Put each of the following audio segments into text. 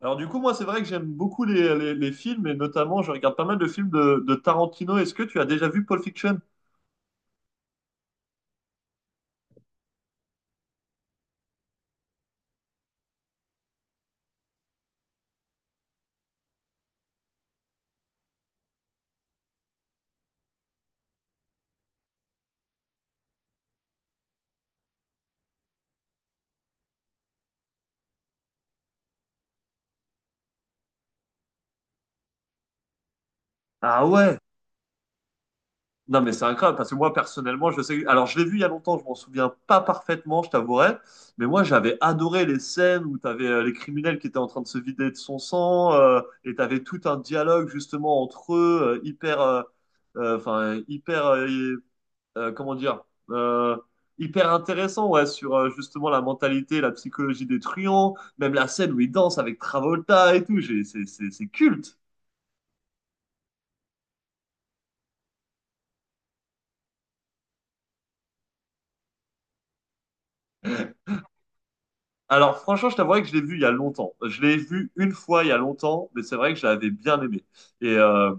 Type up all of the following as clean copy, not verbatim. Alors du coup, moi, c'est vrai que j'aime beaucoup les films, et notamment, je regarde pas mal de films de Tarantino. Est-ce que tu as déjà vu Pulp Fiction? Ah ouais? Non, mais c'est incroyable, parce que moi, personnellement, je sais... Alors, je l'ai vu il y a longtemps, je m'en souviens pas parfaitement, je t'avouerai, mais moi, j'avais adoré les scènes où t'avais avais les criminels qui étaient en train de se vider de son sang, et t'avais tout un dialogue, justement, entre eux, enfin, euh, comment dire, euh, hyper intéressant, ouais, sur justement la mentalité, la psychologie des truands, même la scène où il danse avec Travolta et tout, c'est culte. Alors franchement, je t'avouerai que je l'ai vu il y a longtemps. Je l'ai vu une fois il y a longtemps, mais c'est vrai que je l'avais bien aimé. Et euh,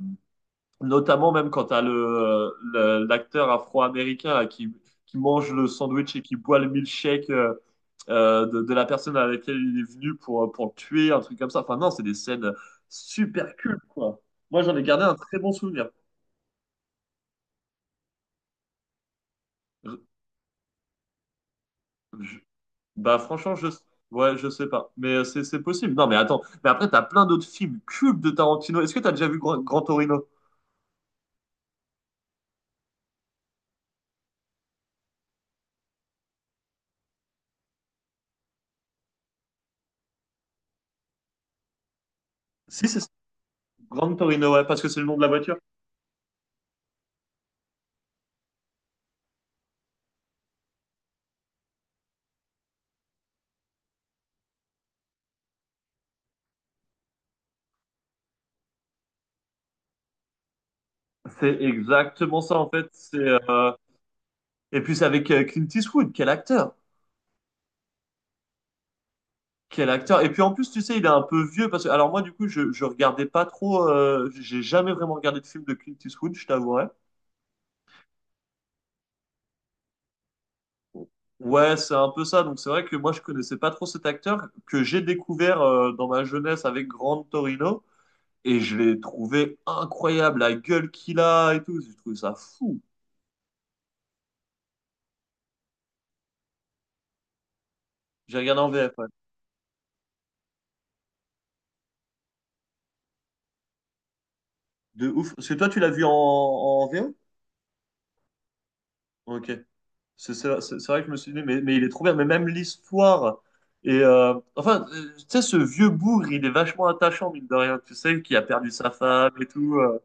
Notamment même quand t'as l'acteur afro-américain là, qui mange le sandwich et qui boit le milkshake de la personne à laquelle il est venu pour le tuer, un truc comme ça. Enfin non, c'est des scènes super cultes, quoi. Moi, j'en ai gardé un très bon souvenir. Je- je- Bah franchement, ouais, je sais pas. Mais c'est possible. Non, mais attends. Mais après, t'as plein d'autres films cultes de Tarantino. Est-ce que t'as déjà vu Grand Torino? Si, c'est ça. Grand Torino, ouais, parce que c'est le nom de la voiture. C'est exactement ça, en fait. Et puis c'est avec Clint Eastwood, quel acteur, quel acteur. Et puis en plus, tu sais, il est un peu vieux parce que alors moi du coup, je regardais pas trop, j'ai jamais vraiment regardé de film de Clint Eastwood, je t'avouerai. Ouais, c'est un peu ça. Donc c'est vrai que moi je connaissais pas trop cet acteur que j'ai découvert dans ma jeunesse avec Grand Torino, et je l'ai trouvé incroyable, la gueule qu'il a et tout. J'ai trouvé ça fou. J'ai regardé en VF, ouais. De ouf. Parce que toi tu l'as vu en VO? Ok. C'est vrai que je me suis dit, mais il est trop bien. Mais même l'histoire. Et enfin, tu sais, ce vieux bougre, il est vachement attachant, mine de rien. Tu sais, qui a perdu sa femme et tout.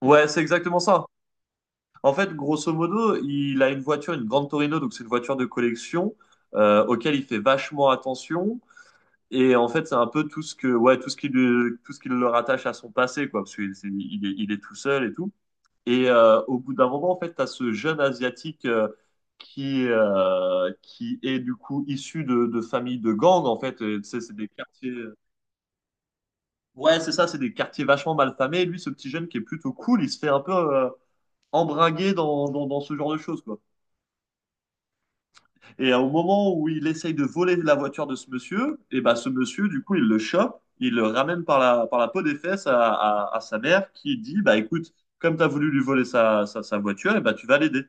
Ouais, c'est exactement ça. En fait, grosso modo, il a une voiture, une grande Torino, donc c'est une voiture de collection auquel il fait vachement attention. Et en fait, c'est un peu tout ce que, ouais, tout ce qui le rattache à son passé, quoi, parce qu'il c'est- il est tout seul et tout. Et au bout d'un moment, en fait, tu as ce jeune asiatique qui est du coup issu de familles de gangs, en fait. Et, tu sais, c'est des quartiers. Ouais, c'est ça, c'est des quartiers vachement mal famés. Et lui, ce petit jeune qui est plutôt cool, il se fait un peu embringuer dans ce genre de choses, quoi. Et au moment où il essaye de voler la voiture de ce monsieur, et ben ce monsieur, du coup, il le chope, il le ramène par par la peau des fesses à sa mère qui dit, bah écoute, comme tu as voulu lui voler sa voiture, et ben tu vas l'aider.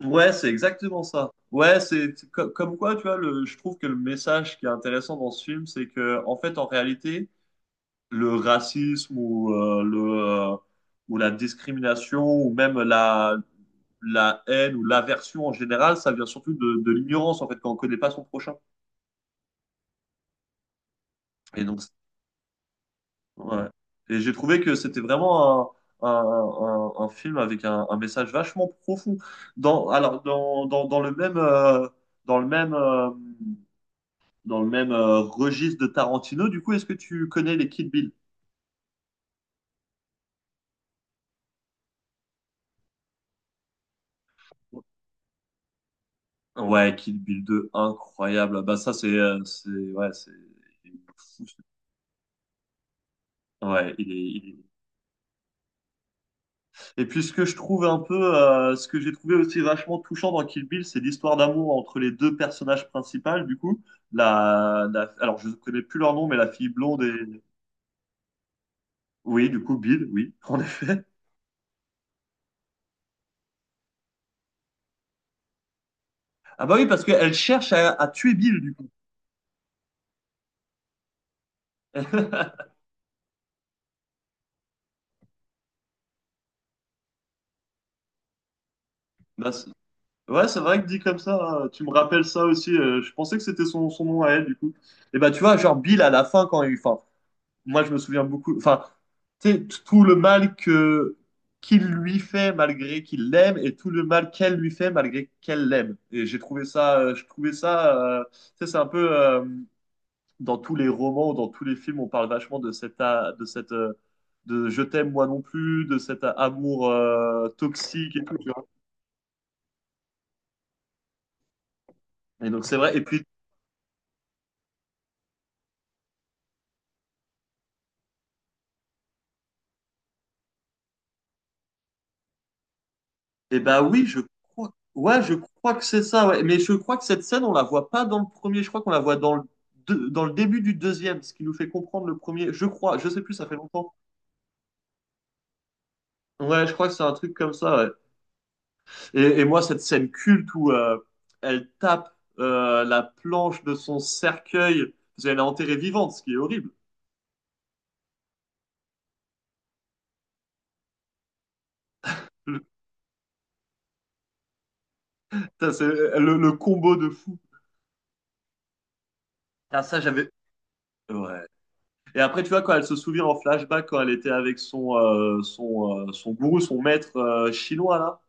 Ouais, c'est exactement ça. Ouais, comme quoi, tu vois, je trouve que le message qui est intéressant dans ce film, c'est que, en fait, en réalité, le racisme euh, ou la discrimination ou même la haine ou l'aversion en général, ça vient surtout de l'ignorance, en fait, quand on connaît pas son prochain. Et donc, ouais. Et j'ai trouvé que c'était vraiment un film avec un message vachement profond. Dans, alors, dans, dans, dans le même, dans le même, dans le même registre de Tarantino. Du coup, est-ce que tu connais les Kill Bill? Ouais, Kill Bill 2, incroyable. Bah ça, c'est, ouais, c'est il est fou, ce- Ouais, il est- Et puis ce que je trouve un peu, ce que j'ai trouvé aussi vachement touchant dans Kill Bill, c'est l'histoire d'amour entre les deux personnages principaux. Du coup, alors je connais plus leur nom, mais la fille blonde et, oui, du coup Bill, oui, en effet. Ah bah oui, parce qu'elle cherche à tuer Bill, du coup. Bah, ouais, c'est vrai que dit comme ça, hein, tu me rappelles ça aussi. Je pensais que c'était son nom à elle, du coup. Et bah, tu vois, genre Bill à la fin, quand il. Enfin, moi, je me souviens beaucoup. Enfin, tu sais, t- tout le mal que qu'il lui fait malgré qu'il l'aime et tout le mal qu'elle lui fait malgré qu'elle l'aime. Et j'ai trouvé ça. Je trouvais ça. Tu sais, c'est un peu. Dans tous les romans, ou dans tous les films, on parle vachement de cette de je t'aime moi non plus, de cet amour toxique et tout, tu vois. Et donc, c'est vrai. Et puis, eh ben oui, je crois. Ouais, je crois que c'est ça. Ouais. Mais je crois que cette scène, on la voit pas dans le premier. Je crois qu'on la voit dans dans le début du deuxième, ce qui nous fait comprendre le premier. Je crois. Je sais plus. Ça fait longtemps. Ouais, je crois que c'est un truc comme ça. Ouais. Et moi, cette scène culte où elle tape la planche de son cercueil, parce qu'elle est enterrée vivante, ce qui est horrible. Putain, c'est- le combo de fou. Ah, ça, j'avais. Ouais. Et après, tu vois, quand elle se souvient en flashback, quand elle était avec son gourou, son maître chinois, là.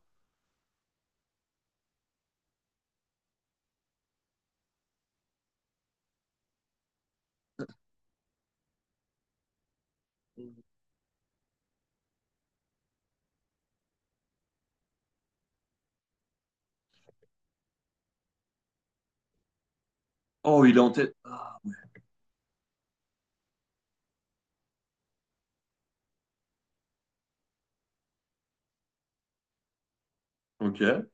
Oh, il est en tête. Ah, ok.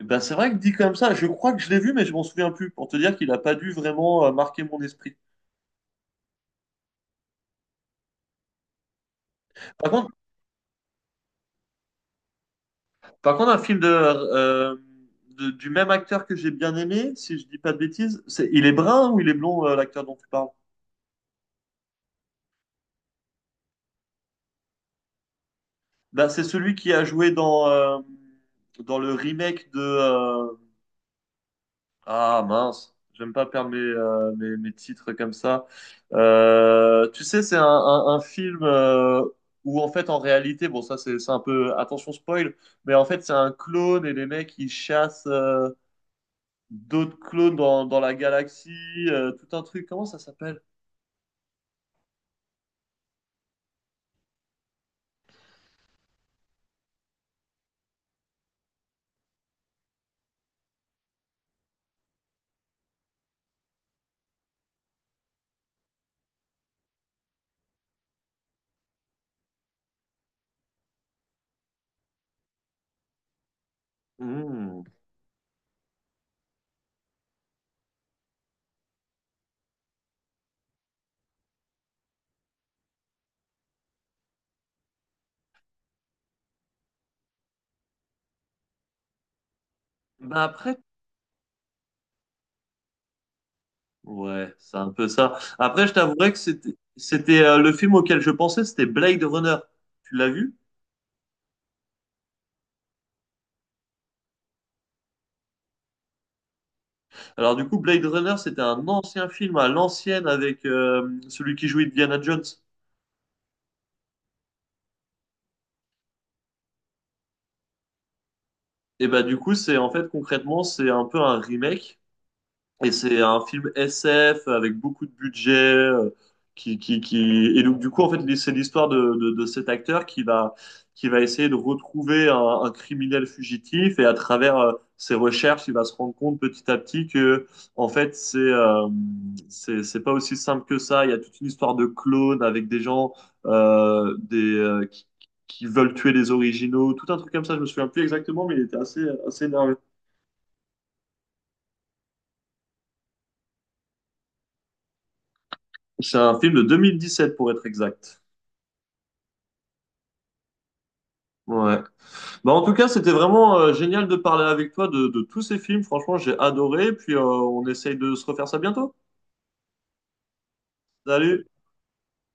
Eh ben, c'est vrai que dit comme ça, je crois que je l'ai vu, mais je m'en souviens plus, pour te dire qu'il n'a pas dû vraiment marquer mon esprit. Par contre, par contre un film du même acteur que j'ai bien aimé, si je dis pas de bêtises, c'est, il est brun ou il est blond, l'acteur dont tu parles? Ben, c'est celui qui a joué dans, dans le remake de, ah mince, j'aime pas perdre mes titres comme ça. Tu sais, c'est un film où en fait, en réalité, bon, ça c'est un peu, attention spoil, mais en fait, c'est un clone et les mecs ils chassent d'autres clones dans la galaxie, tout un truc. Comment ça s'appelle? Hmm. Bah après, ouais, c'est un peu ça. Après, je t'avouerais que c'était c'était le film auquel je pensais, c'était Blade Runner. Tu l'as vu? Alors du coup, Blade Runner, c'était un ancien film à l'ancienne avec celui qui jouait Indiana Jones. Et bah du coup, c'est en fait concrètement, c'est un peu un remake. Et c'est un film SF avec beaucoup de budget. Et donc, du coup, en fait, c'est l'histoire de cet acteur qui va essayer de retrouver un criminel fugitif. Et à travers ses recherches, il va se rendre compte petit à petit que, en fait, c'est pas aussi simple que ça. Il y a toute une histoire de clones avec des gens euh, des, euh, qui, qui veulent tuer les originaux. Tout un truc comme ça, je me souviens plus exactement, mais il était assez énervé. C'est un film de 2017 pour être exact. Ouais. Bah, en tout cas, c'était vraiment génial de parler avec toi de tous ces films. Franchement, j'ai adoré. Puis on essaye de se refaire ça bientôt. Salut!